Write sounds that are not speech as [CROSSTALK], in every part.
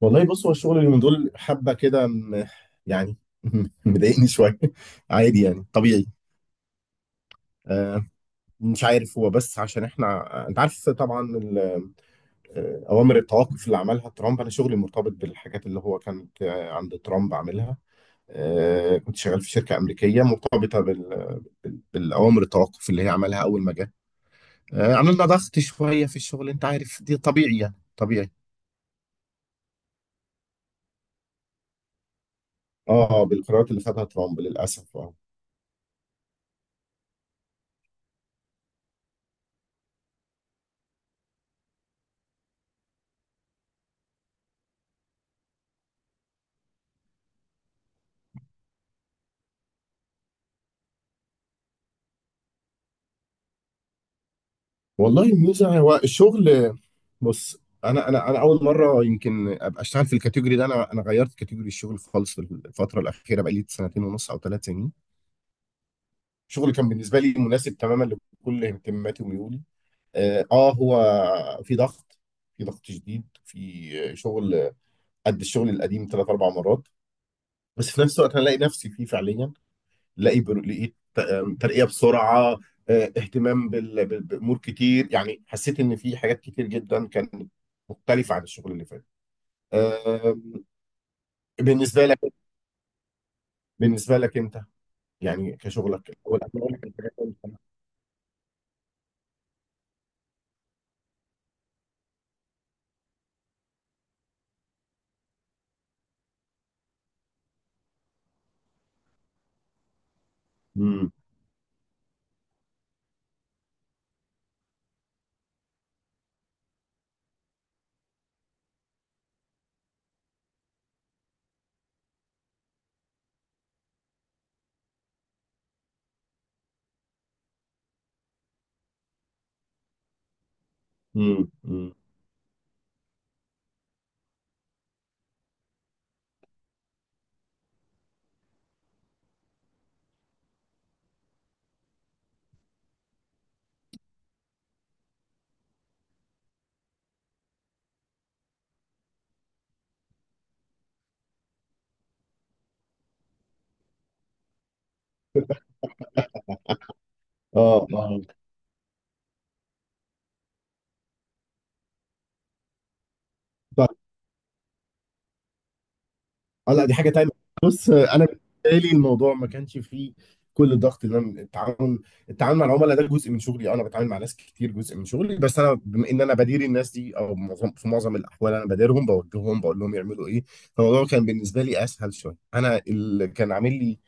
والله بص، هو الشغل اللي من دول حبه كده يعني. [LAUGHS] مضايقني شويه، عادي يعني طبيعي. آه مش عارف، هو بس عشان احنا، انت عارف طبعا اوامر التوقف اللي عملها ترامب. انا شغلي مرتبط بالحاجات اللي هو كانت عند ترامب عاملها. كنت شغال في شركه امريكيه مرتبطه بالاوامر التوقف اللي هي عملها اول ما جه. عملنا ضغط شويه في الشغل، انت عارف دي طبيعي يعني طبيعي. اه، بالقرارات اللي خدها ترامب للاسف. والله الميزه هو الشغل. بص، انا اول مره يمكن ابقى اشتغل في الكاتيجوري ده. انا غيرت كاتيجوري الشغل خالص في الفتره الاخيره، بقى لي سنتين ونص او ثلاث سنين. الشغل كان بالنسبه لي مناسب تماما لكل اهتماماتي وميولي. هو في ضغط، في ضغط شديد في شغل قد الشغل القديم ثلاث اربع مرات. بس في نفس الوقت انا الاقي نفسي فيه فعليا. لقيت ترقية بسرعة. اهتمام بأمور كتير، يعني حسيت إن في حاجات كتير جدا كانت مختلفة عن الشغل اللي فات. آم، بالنسبة لك، بالنسبة لك أنت، يعني كشغلك الأول أنا أقول لك مم، مم، مم. اه، اه، اه، لا دي حاجة تانية. بص، انا بالنسبة لي الموضوع ما كانش فيه كل الضغط. اللي انا، التعامل مع العملاء ده جزء من شغلي. انا بتعامل مع ناس كتير، جزء من شغلي. بس انا بما ان انا بدير الناس دي، او معظم في معظم الاحوال انا بديرهم بوجههم بقول لهم يعملوا ايه. فالموضوع كان بالنسبة لي اسهل شوية. انا اللي كان عامل لي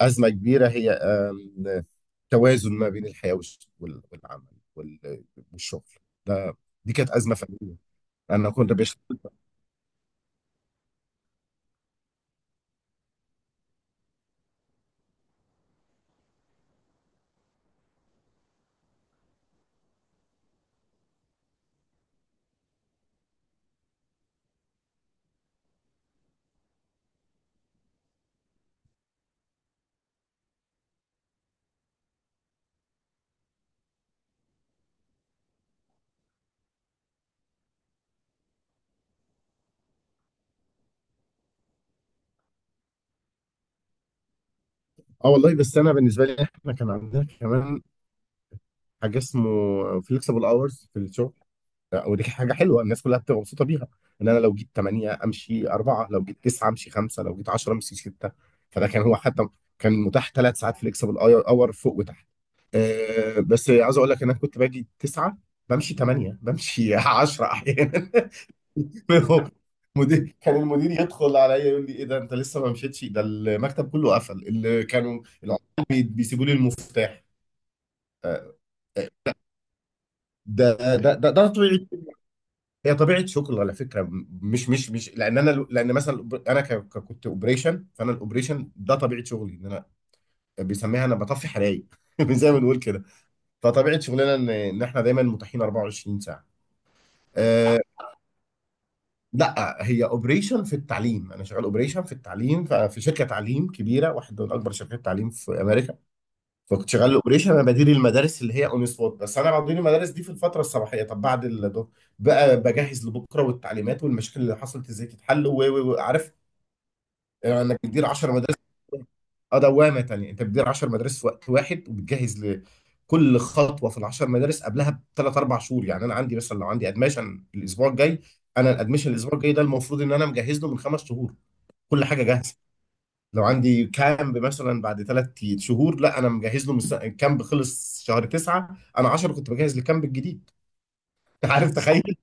ازمة كبيرة هي توازن ما بين الحياة والعمل وال- والشغل ده. دي كانت أزمة فنية. انا كنت بشتغل. اه والله، بس انا بالنسبه لي احنا كان عندنا كمان حاجه اسمه فليكسبل اورز في الشغل. ودي حاجه حلوه، الناس كلها بتبقى مبسوطه بيها. ان انا لو جيت 8 امشي 4، لو جيت 9 امشي 5، لو جيت 10 امشي 6. فده كان هو حتى، كان متاح ثلاث ساعات فليكسبل اور فوق وتحت. بس عاوز اقول لك ان انا كنت باجي 9 بمشي 8 بمشي [LAUGHS] 10 احيانا. [LAUGHS] كان المدير يدخل عليا يقول لي ايه ده، انت لسه ما مشيتش؟ ده المكتب كله قفل، اللي كانوا العمال بيسيبوا لي المفتاح. آه، ده طبيعه. هي طبيعه شغل على فكره، مش لان انا، لان مثلا كنت اوبريشن، فانا الاوبريشن ده طبيعه شغلي، ان انا بيسميها انا بطفي حرايق [LAUGHS] زي ما بنقول كده. فطبيعه شغلنا ان احنا دايما متاحين 24 ساعه. أه لا، هي اوبريشن في التعليم، انا شغال اوبريشن في التعليم في شركه تعليم كبيره، واحده من اكبر شركات التعليم في امريكا. فكنت شغال الاوبريشن، انا بدير المدارس اللي هي اون سبوت. بس انا بدير المدارس دي في الفتره الصباحيه، طب بعد ده بقى بجهز لبكره، والتعليمات والمشاكل اللي حصلت ازاي تتحل، وعارف انك بتدير 10 مدارس. اه، دوامه تانيه، انت بتدير 10 مدارس في وقت واحد، وبتجهز لكل خطوه في ال 10 مدارس قبلها بثلاث اربع شهور. يعني انا عندي مثلا لو عندي ادمشن الاسبوع الجاي، انا الادمشن الاسبوع الجاي ده المفروض ان انا مجهز له من خمس شهور، كل حاجه جاهزه. لو عندي كامب مثلا بعد ثلاث شهور، لا انا مجهز له من الكامب خلص شهر تسعة، انا 10 كنت بجهز للكامب الجديد. [LAUGHS] عارف تخيل.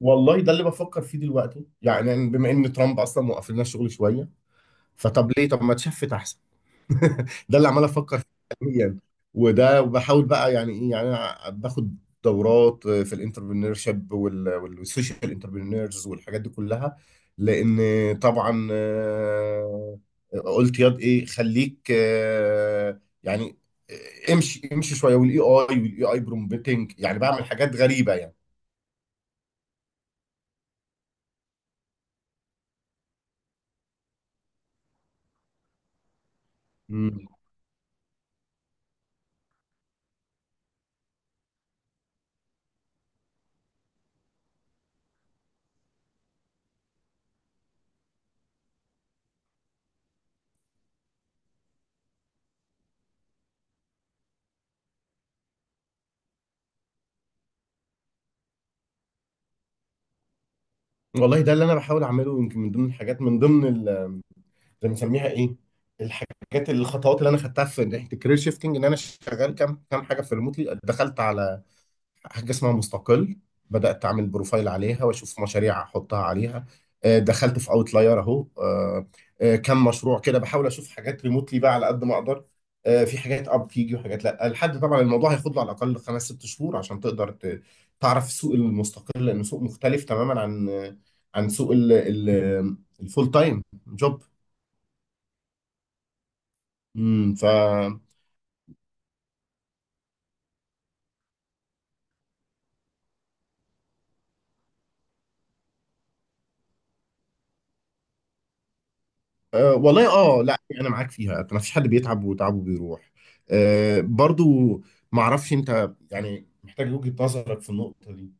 والله ده اللي بفكر فيه دلوقتي، يعني بما ان ترامب اصلا موقف لنا الشغل شويه. فطب ليه، طب ما تشفت احسن. [LAUGHS] ده اللي عمال افكر فيه حاليا. وده، وبحاول بقى، يعني ايه، يعني انا باخد دورات في الانتربرينور شيب والسوشيال انتربرينورز والحاجات دي كلها. لان طبعا قلت ياض ايه خليك، يعني امشي امشي شويه. والاي اي برومبتنج، يعني بعمل حاجات غريبه يعني. مم. والله ده اللي انا بحاول اعمله، يمكن من ضمن الحاجات، من ضمن، بنسميها ايه، الحاجات، الخطوات اللي انا خدتها في ناحيه الكارير شيفتنج، ان انا شغال كام كام حاجه في ريموتلي. دخلت على حاجه اسمها مستقل، بدات اعمل بروفايل عليها واشوف مشاريع احطها عليها. دخلت في اوتلاير اهو، كام مشروع كده، بحاول اشوف حاجات ريموتلي بقى على قد ما اقدر. في حاجات اب تيجي وحاجات لا، لحد طبعا الموضوع هياخد له على الاقل خمس ست شهور عشان تقدر تعرف سوق المستقل، لانه سوق مختلف تماما عن عن سوق الفول تايم جوب. امم، ف والله اه، لا يعني انا معاك فيها، ما فيش حد بيتعب وتعبه بيروح. برضو، ما اعرفش انت، يعني محتاج وجهة نظرك في النقطة دي.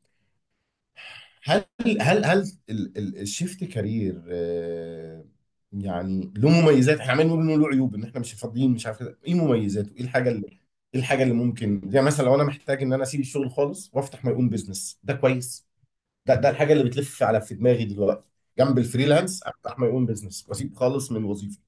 هل، هل الشيفت كارير يعني له مميزات؟ احنا عمالين نقول انه له عيوب، ان احنا مش فاضيين مش عارف كده. ايه مميزاته؟ ايه الحاجه اللي، ايه الحاجه اللي ممكن، زي مثلا لو انا محتاج ان انا اسيب الشغل خالص وافتح ماي اون بزنس؟ ده كويس. ده الحاجه اللي بتلف على في دماغي دلوقتي، جنب الفريلانس، افتح ماي اون بزنس واسيب خالص من وظيفه.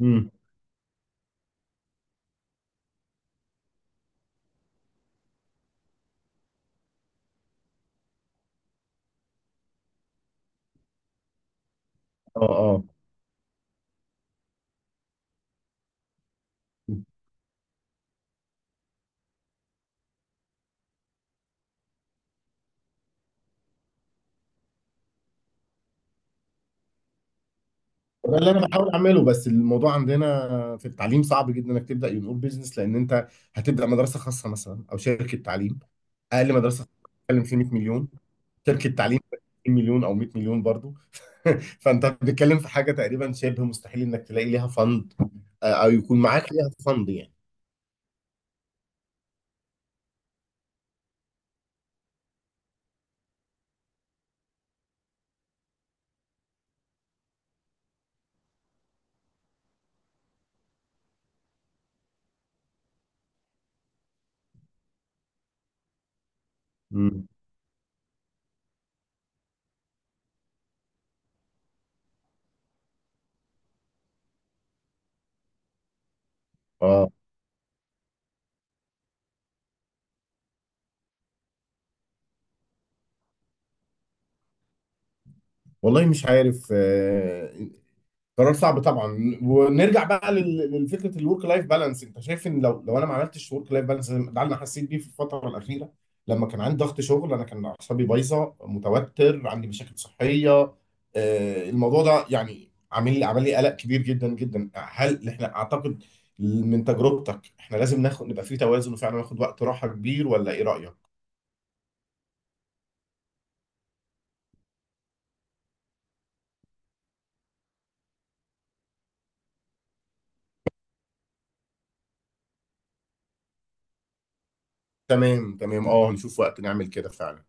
امم، اه اه، ده اللي انا بحاول اعمله. بس الموضوع عندنا في التعليم صعب جدا انك تبدا يون اون بزنس، لان انت هتبدا مدرسه خاصه مثلا او شركه تعليم. اقل مدرسه بتتكلم في 100 مليون، شركه تعليم 20 مليون او 100 مليون برضو. [LAUGHS] فانت بتتكلم في حاجه تقريبا شبه مستحيل انك تلاقي ليها فند، او يكون معاك ليها فند يعني. امم، اه، والله مش عارف، قرار صعب طبعا. ونرجع بقى للفكره، الورك لايف بالانس، انت شايف ان، لو لو انا ما عملتش ورك لايف بالانس، ده اللي انا حسيت بيه في الفتره الاخيره. لما كان عندي ضغط شغل انا كان اعصابي بايظه، متوتر، عندي مشاكل صحيه. الموضوع ده يعني عامل لي، عمل لي قلق كبير جدا جدا. هل احنا، اعتقد من تجربتك احنا لازم ناخد، نبقى في توازن وفعلا ناخد وقت راحه كبير، ولا ايه رايك؟ تمام تمام، اه هنشوف وقت نعمل كده فعلا.